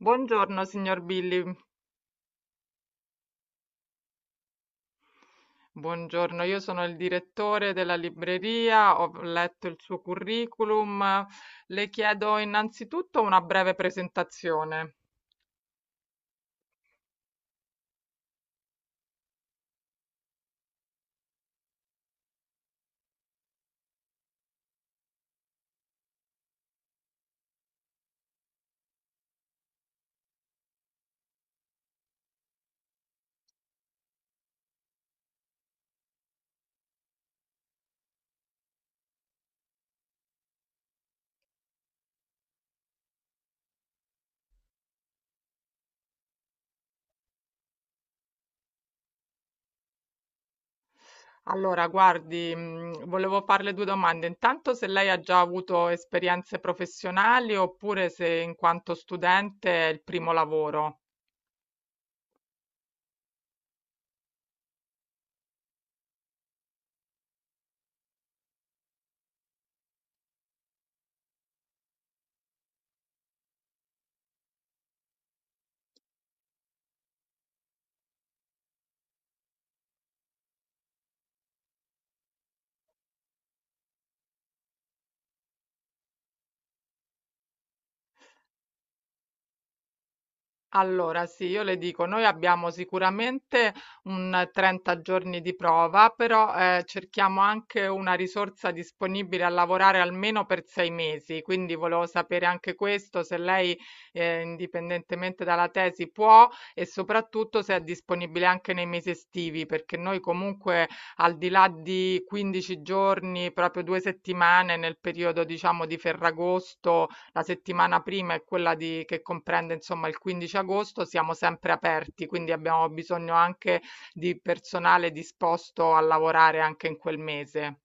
Buongiorno signor Billy, buongiorno, io sono il direttore della libreria, ho letto il suo curriculum, le chiedo innanzitutto una breve presentazione. Allora, guardi, volevo farle due domande. Intanto se lei ha già avuto esperienze professionali oppure se in quanto studente è il primo lavoro. Allora, sì, io le dico, noi abbiamo sicuramente un 30 giorni di prova, però cerchiamo anche una risorsa disponibile a lavorare almeno per 6 mesi, quindi volevo sapere anche questo, se lei, indipendentemente dalla tesi, può e soprattutto se è disponibile anche nei mesi estivi, perché noi comunque al di là di 15 giorni, proprio 2 settimane nel periodo, diciamo, di Ferragosto, la settimana prima è quella di che comprende, insomma, il 15 agosto, siamo sempre aperti, quindi abbiamo bisogno anche di personale disposto a lavorare anche in quel mese.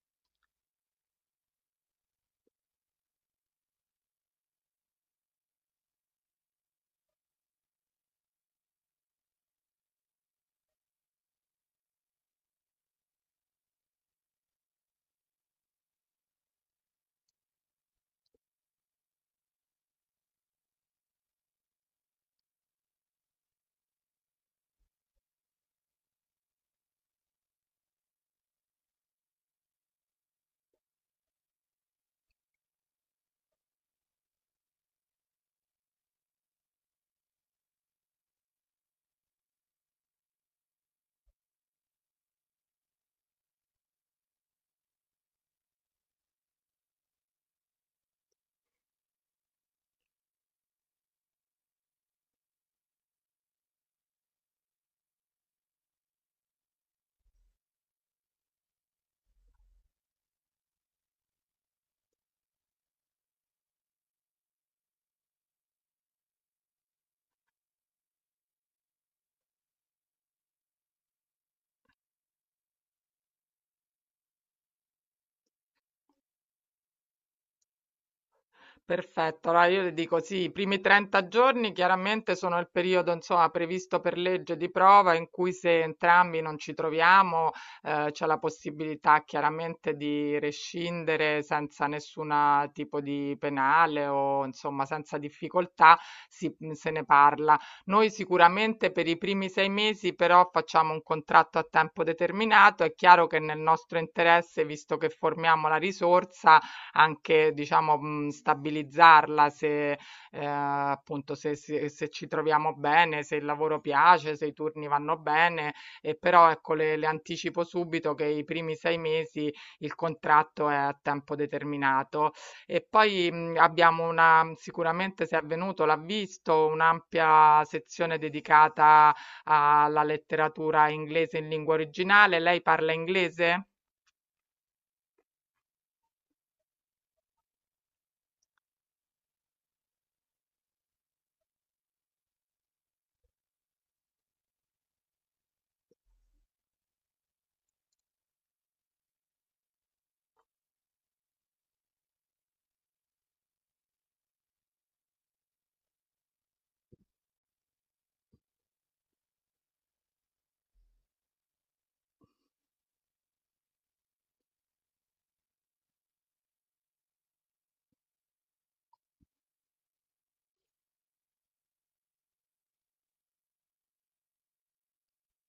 Perfetto, allora io le dico sì, i primi 30 giorni chiaramente sono il periodo insomma previsto per legge di prova in cui, se entrambi non ci troviamo, c'è la possibilità chiaramente di rescindere senza nessun tipo di penale o insomma senza difficoltà, se ne parla. Noi sicuramente per i primi 6 mesi però facciamo un contratto a tempo determinato. È chiaro che nel nostro interesse, visto che formiamo la risorsa, anche, diciamo, stabilizzarla se, appunto, se ci troviamo bene, se il lavoro piace, se i turni vanno bene, e però ecco, le anticipo subito che i primi 6 mesi il contratto è a tempo determinato. E poi, abbiamo, una sicuramente se è venuto l'ha visto, un'ampia sezione dedicata alla letteratura inglese in lingua originale. Lei parla inglese?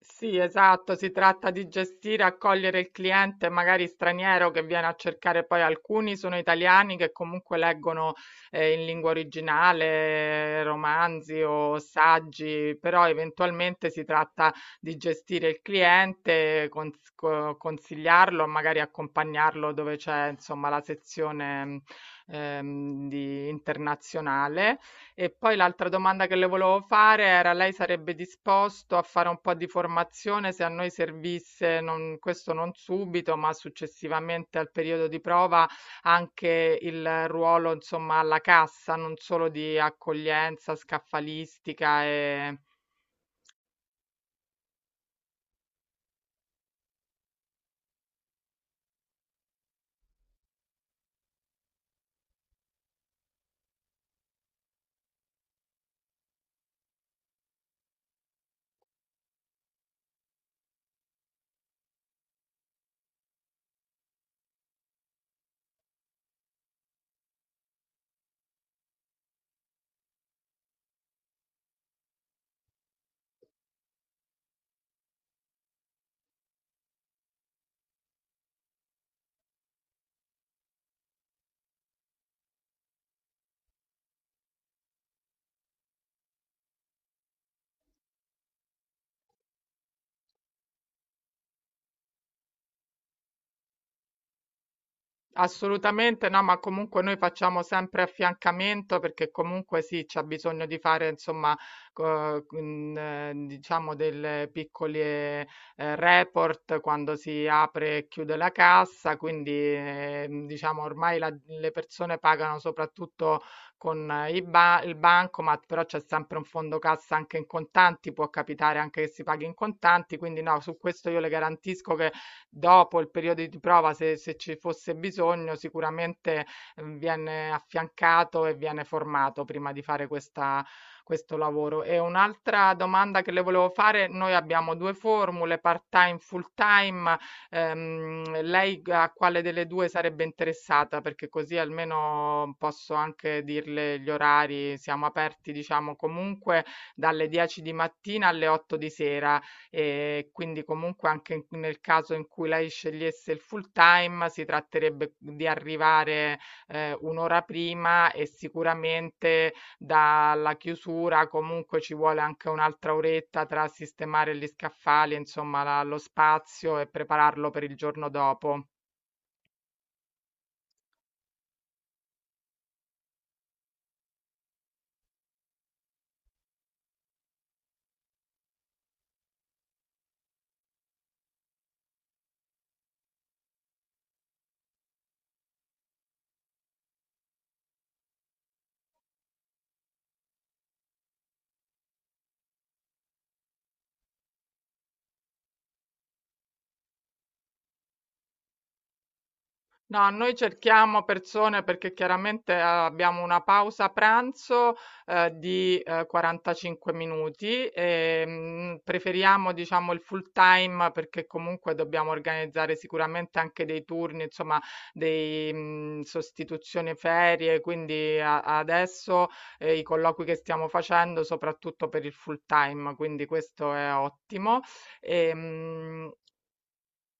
Sì, esatto, si tratta di gestire e accogliere il cliente magari straniero che viene a cercare, poi alcuni sono italiani che comunque leggono in lingua originale romanzi o saggi, però eventualmente si tratta di gestire il cliente, consigliarlo, magari accompagnarlo dove c'è, insomma, la sezione, di internazionale. E poi l'altra domanda che le volevo fare era: lei sarebbe disposto a fare un po' di formazione, se a noi servisse, questo non subito, ma successivamente al periodo di prova, anche il ruolo, insomma, alla cassa, non solo di accoglienza, scaffalistica e. Assolutamente no, ma comunque noi facciamo sempre affiancamento, perché comunque sì, c'è bisogno di fare, insomma, diciamo, delle piccole report quando si apre e chiude la cassa, quindi, diciamo, ormai le persone pagano soprattutto con il bancomat, però c'è sempre un fondo cassa anche in contanti, può capitare anche che si paghi in contanti, quindi no, su questo io le garantisco che, dopo il periodo di prova, se ci fosse bisogno, sicuramente, viene affiancato e viene formato prima di fare questa questo lavoro. E un'altra domanda che le volevo fare: noi abbiamo 2 formule, part-time, full-time. Lei g a quale delle 2 sarebbe interessata? Perché così almeno posso anche dirle gli orari. Siamo aperti, diciamo, comunque dalle 10 di mattina alle 8 di sera. E quindi comunque, anche nel caso in cui lei scegliesse il full time, si tratterebbe di arrivare un'ora prima, e sicuramente dalla chiusura comunque ci vuole anche un'altra oretta tra sistemare gli scaffali, insomma, lo spazio, e prepararlo per il giorno dopo. No, noi cerchiamo persone perché chiaramente abbiamo una pausa pranzo di 45 minuti, e preferiamo, diciamo, il full time, perché comunque dobbiamo organizzare sicuramente anche dei turni, insomma, dei sostituzioni ferie, quindi adesso i colloqui che stiamo facendo soprattutto per il full time, quindi questo è ottimo. E,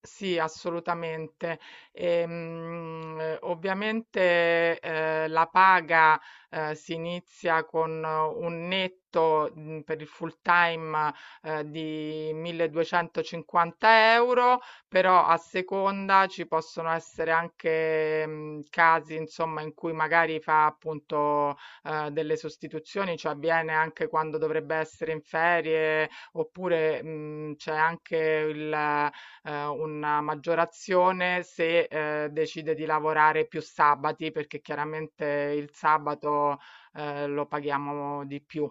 sì, assolutamente. Ovviamente, la paga, si inizia con un netto, per il full time, di 1.250 €, però, a seconda, ci possono essere anche, casi, insomma, in cui magari fa, appunto, delle sostituzioni, cioè viene anche quando dovrebbe essere in ferie, oppure, c'è anche il una maggiore azione se, decide di lavorare più sabati, perché chiaramente il sabato, lo paghiamo di più.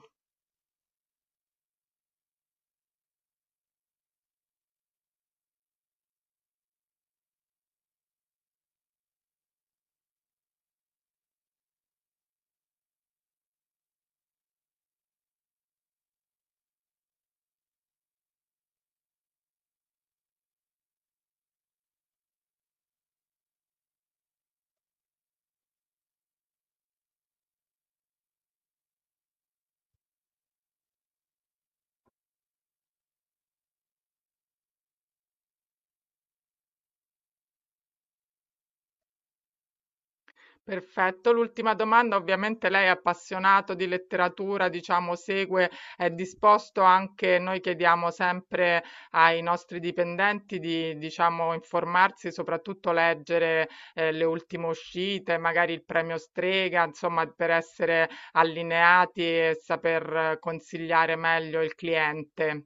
Perfetto. L'ultima domanda: ovviamente lei è appassionato di letteratura, diciamo, segue, è disposto anche, noi chiediamo sempre ai nostri dipendenti di, diciamo, informarsi, soprattutto leggere, le ultime uscite, magari il premio Strega, insomma, per essere allineati e saper consigliare meglio il cliente.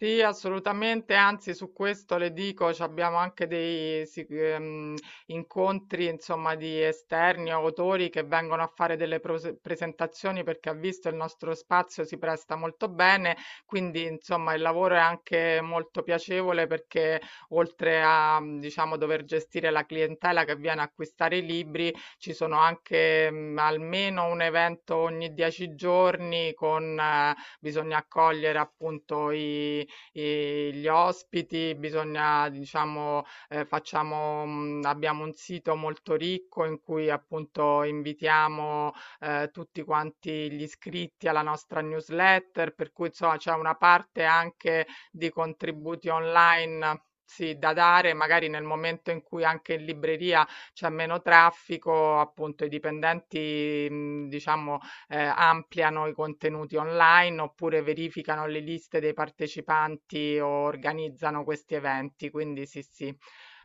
Sì, assolutamente, anzi su questo le dico, ci abbiamo anche dei incontri, insomma, di esterni, o autori che vengono a fare delle presentazioni, perché ha visto, il nostro spazio si presta molto bene, quindi insomma il lavoro è anche molto piacevole perché, oltre a, diciamo, dover gestire la clientela che viene a acquistare i libri, ci sono anche, almeno un evento ogni 10 giorni. Bisogna accogliere, appunto, i gli ospiti, bisogna, diciamo, abbiamo un sito molto ricco in cui appunto invitiamo, tutti quanti gli iscritti alla nostra newsletter, per cui insomma c'è una parte anche di contributi online, sì, da dare, magari nel momento in cui anche in libreria c'è meno traffico, appunto i dipendenti, diciamo, ampliano i contenuti online oppure verificano le liste dei partecipanti o organizzano questi eventi. Quindi sì, sì.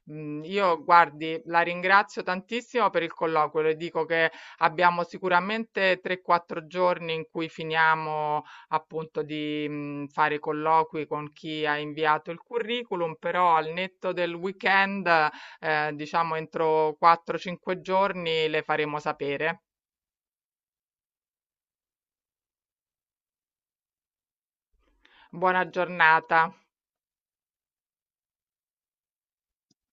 Io guardi, la ringrazio tantissimo per il colloquio. Le dico che abbiamo sicuramente 3, 4 giorni in cui finiamo, appunto, di, fare colloqui con chi ha inviato il curriculum, però, al netto del weekend, diciamo entro 4, 5 giorni le faremo sapere. Buona giornata.